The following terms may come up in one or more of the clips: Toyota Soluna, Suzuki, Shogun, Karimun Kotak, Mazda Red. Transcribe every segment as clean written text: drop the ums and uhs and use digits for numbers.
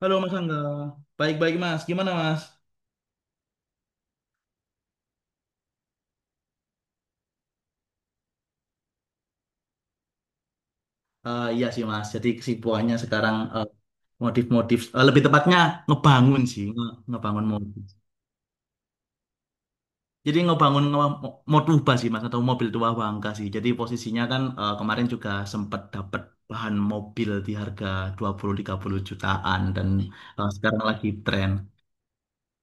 Halo Mas Angga. Baik-baik Mas. Gimana Mas? Iya sih Mas. Jadi kesibukannya sekarang modif-modif. Lebih tepatnya ngebangun sih. Ngebangun mobil. Jadi ngebangun Motuba sih Mas. Atau mobil tua bangka sih. Jadi posisinya kan kemarin juga sempat dapat bahan mobil di harga 20, 30 jutaan. Dan sekarang lagi tren.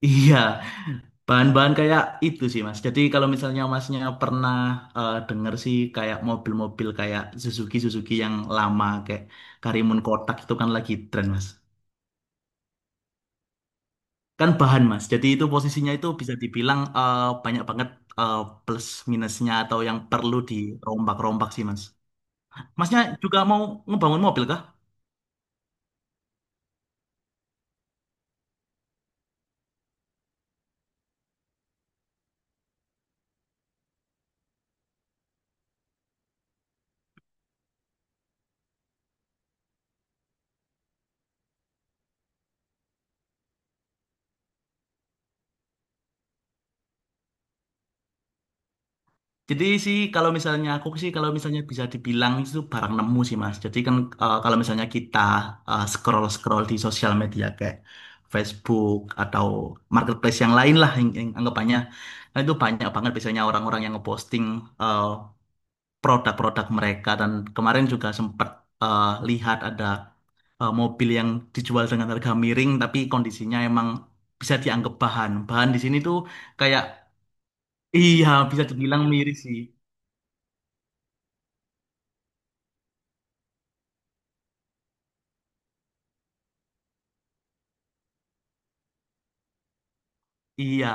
Iya. Bahan-bahan kayak itu sih Mas. Jadi kalau misalnya Masnya pernah denger sih kayak mobil-mobil kayak Suzuki Suzuki yang lama kayak Karimun Kotak itu kan lagi tren Mas. Kan bahan Mas. Jadi itu posisinya itu bisa dibilang banyak banget eh, plus minusnya atau yang perlu dirombak-rombak sih Mas. Masnya juga mau ngebangun mobil kah? Jadi sih kalau misalnya aku sih kalau misalnya bisa dibilang itu barang nemu sih Mas. Jadi kan kalau misalnya kita scroll scroll di sosial media kayak Facebook atau marketplace yang lain lah yang anggapannya, nah, itu banyak banget biasanya orang-orang yang ngeposting eh, produk-produk mereka dan kemarin juga sempat lihat ada mobil yang dijual dengan harga miring tapi kondisinya emang bisa dianggap bahan. Bahan di sini tuh kayak iya bisa dibilang miris sih. Iya.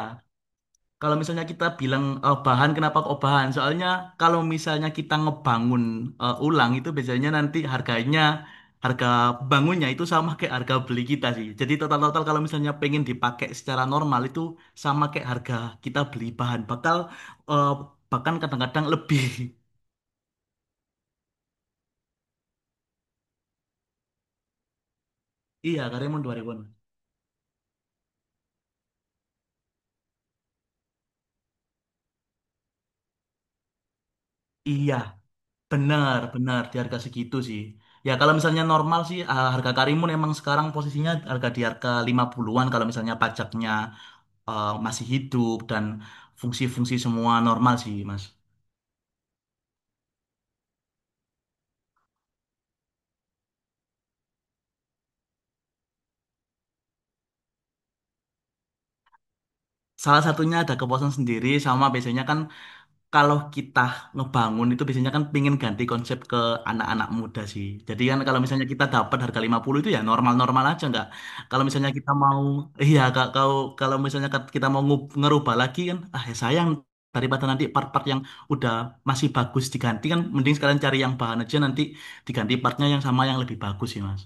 Kalau misalnya kita bilang bahan, kenapa kok bahan? Soalnya kalau misalnya kita ngebangun ulang itu biasanya nanti harganya, harga bangunnya itu sama kayak harga beli kita sih. Jadi total-total kalau misalnya pengen dipakai secara normal itu sama kayak harga kita beli bahan. Bakal eh, bahkan kadang-kadang lebih. Iya, karyawan 2000-an. Iya, benar, benar di harga segitu sih. Ya kalau misalnya normal sih harga Karimun emang sekarang posisinya harga di harga 50-an kalau misalnya pajaknya masih hidup dan fungsi-fungsi semua normal sih Mas. Salah satunya ada kepuasan sendiri sama biasanya kan kalau kita ngebangun itu biasanya kan pingin ganti konsep ke anak-anak muda sih. Jadi kan kalau misalnya kita dapat harga 50 itu ya normal-normal aja nggak. Kalau misalnya kita mau iya kalau kalau misalnya kita mau ngerubah lagi kan ah ya sayang daripada nanti part-part yang udah masih bagus diganti kan mending sekalian cari yang bahan aja nanti diganti partnya yang sama yang lebih bagus sih Mas.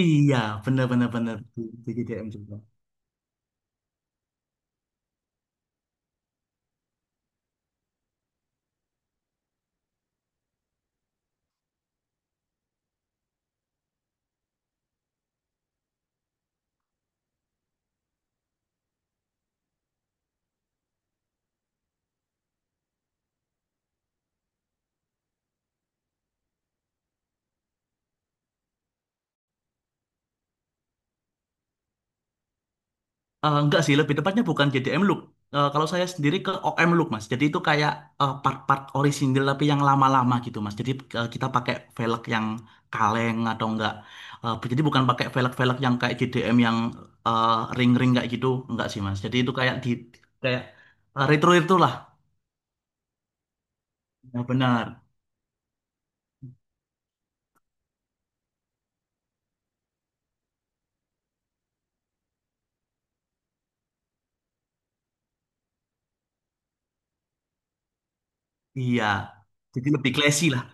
Iya, benar benar benar di JDM juga. Enggak sih, lebih tepatnya bukan JDM Look. Kalau saya sendiri ke OM Look, Mas. Jadi itu kayak part-part orisinil tapi yang lama-lama gitu, Mas. Jadi kita pakai velg yang kaleng atau enggak. Jadi bukan pakai velg-velg yang kayak JDM yang eh, ring-ring kayak gitu, enggak sih, Mas. Jadi itu kayak di kayak retro itu lah. Nah, benar. Iya. Jadi lebih classy lah.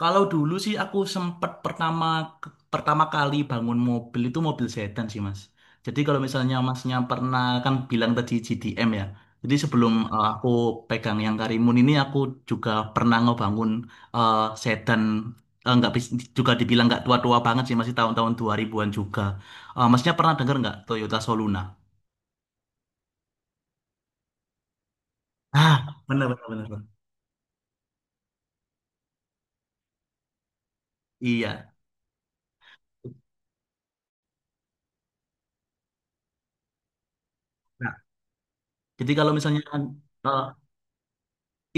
Kalau dulu sih aku sempet pertama pertama kali bangun mobil itu mobil sedan sih Mas. Jadi kalau misalnya Masnya pernah kan bilang tadi GDM ya. Jadi sebelum aku pegang yang Karimun ini aku juga pernah ngebangun eh, sedan nggak juga dibilang nggak tua-tua banget sih masih tahun-tahun 2000-an juga. Masnya pernah dengar nggak Toyota Soluna? Ah, benar benar benar. Benar. Iya. Nah, jadi kalau misalnya kan, eh,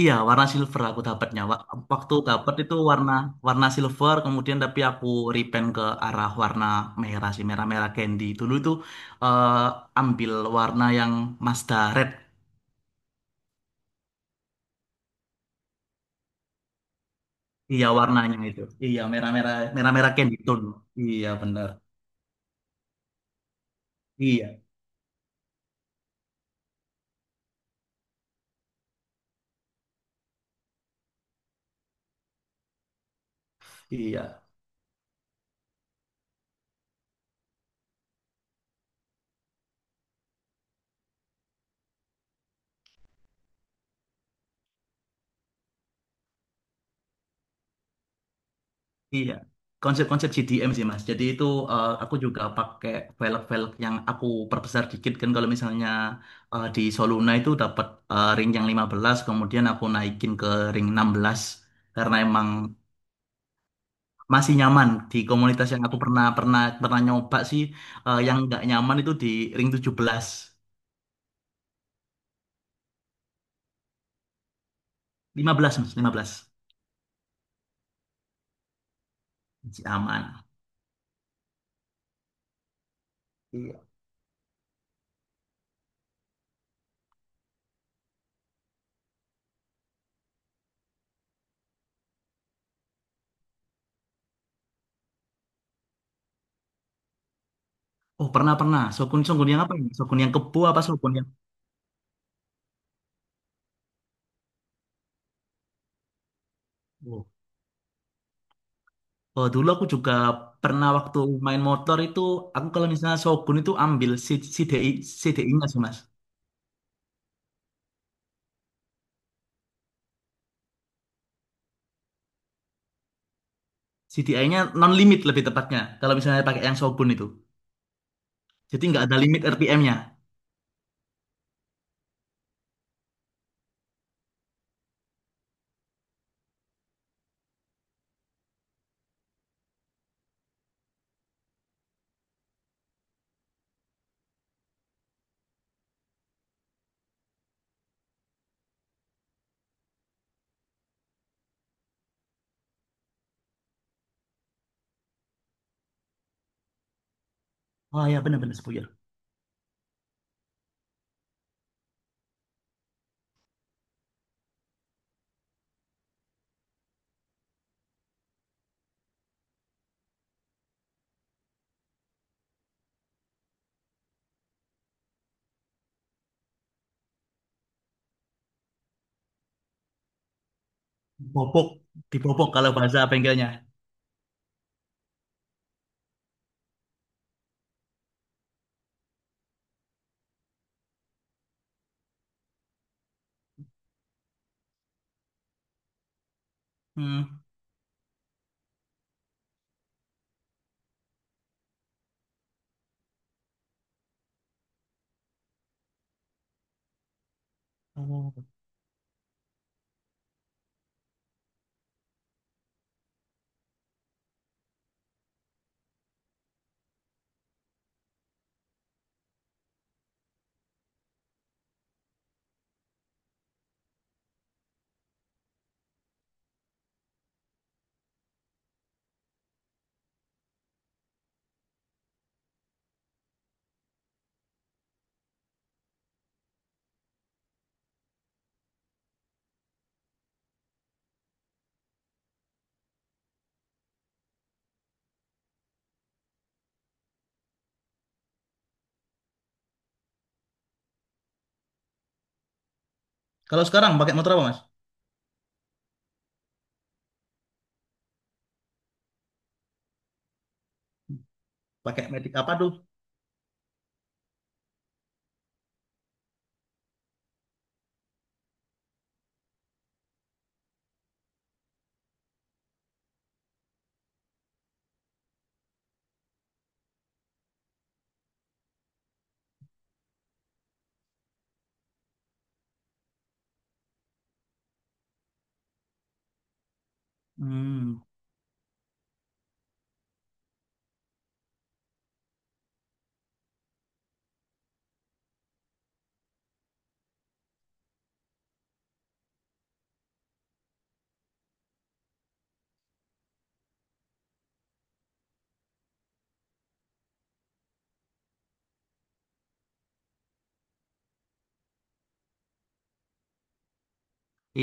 iya, warna silver aku dapatnya. Waktu dapat itu warna warna silver, kemudian tapi aku repaint ke arah warna merah sih, merah-merah candy. Dulu itu eh, ambil warna yang Mazda Red. Iya, warnanya itu. Iya, merah-merah candy tone. Iya, benar. Iya, iya. Iya, konsep-konsep CDM sih Mas. Jadi itu aku juga pakai velg-velg yang aku perbesar dikit kan kalau misalnya di Soluna itu dapat ring yang 15, kemudian aku naikin ke ring 16 karena emang masih nyaman di komunitas yang aku pernah pernah pernah nyoba sih yang nggak nyaman itu di ring 17 15 Mas, 15. Masih aman. Iya. Oh, pernah pernah. Shogun Shogun yang apa ini? Shogun yang kebo apa Shogun yang? Oh. Oh, dulu aku juga pernah waktu main motor itu, aku kalau misalnya Shogun itu ambil CDI, CDI-nya sih mas. CDI nya non-limit lebih tepatnya, kalau misalnya pakai yang Shogun itu. Jadi nggak ada limit RPM-nya. Oh ya benar-benar sepuyar. Bobok, dibobok kalau bahasa bengkelnya. Hmm. Oh. Kalau sekarang pakai motor apa mas? Pakai Matic apa tuh? Hmm.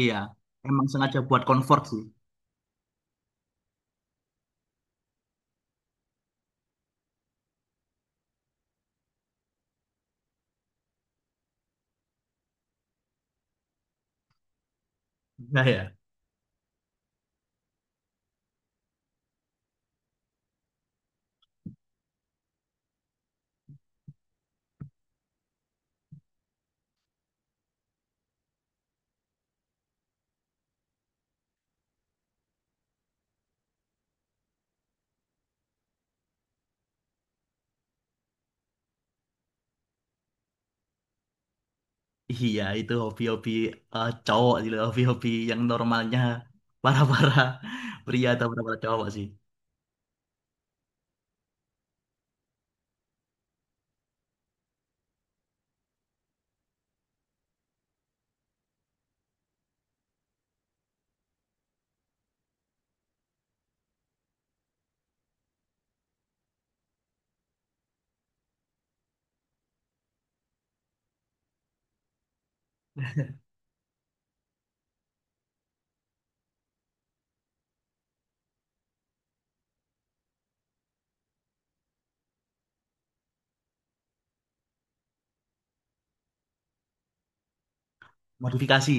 Iya, emang sengaja buat comfort sih. Nah, ya. Iya, itu hobi-hobi cowok gitu, hobi-hobi yang normalnya para-para pria atau para-para cowok sih. Modifikasi.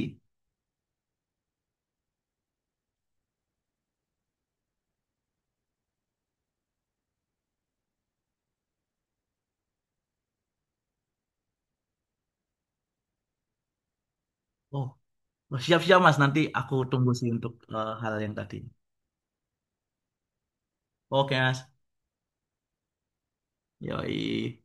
Oh, oh, siap-siap Mas, nanti aku tunggu sih untuk hal yang tadi. Oke Mas, yoi.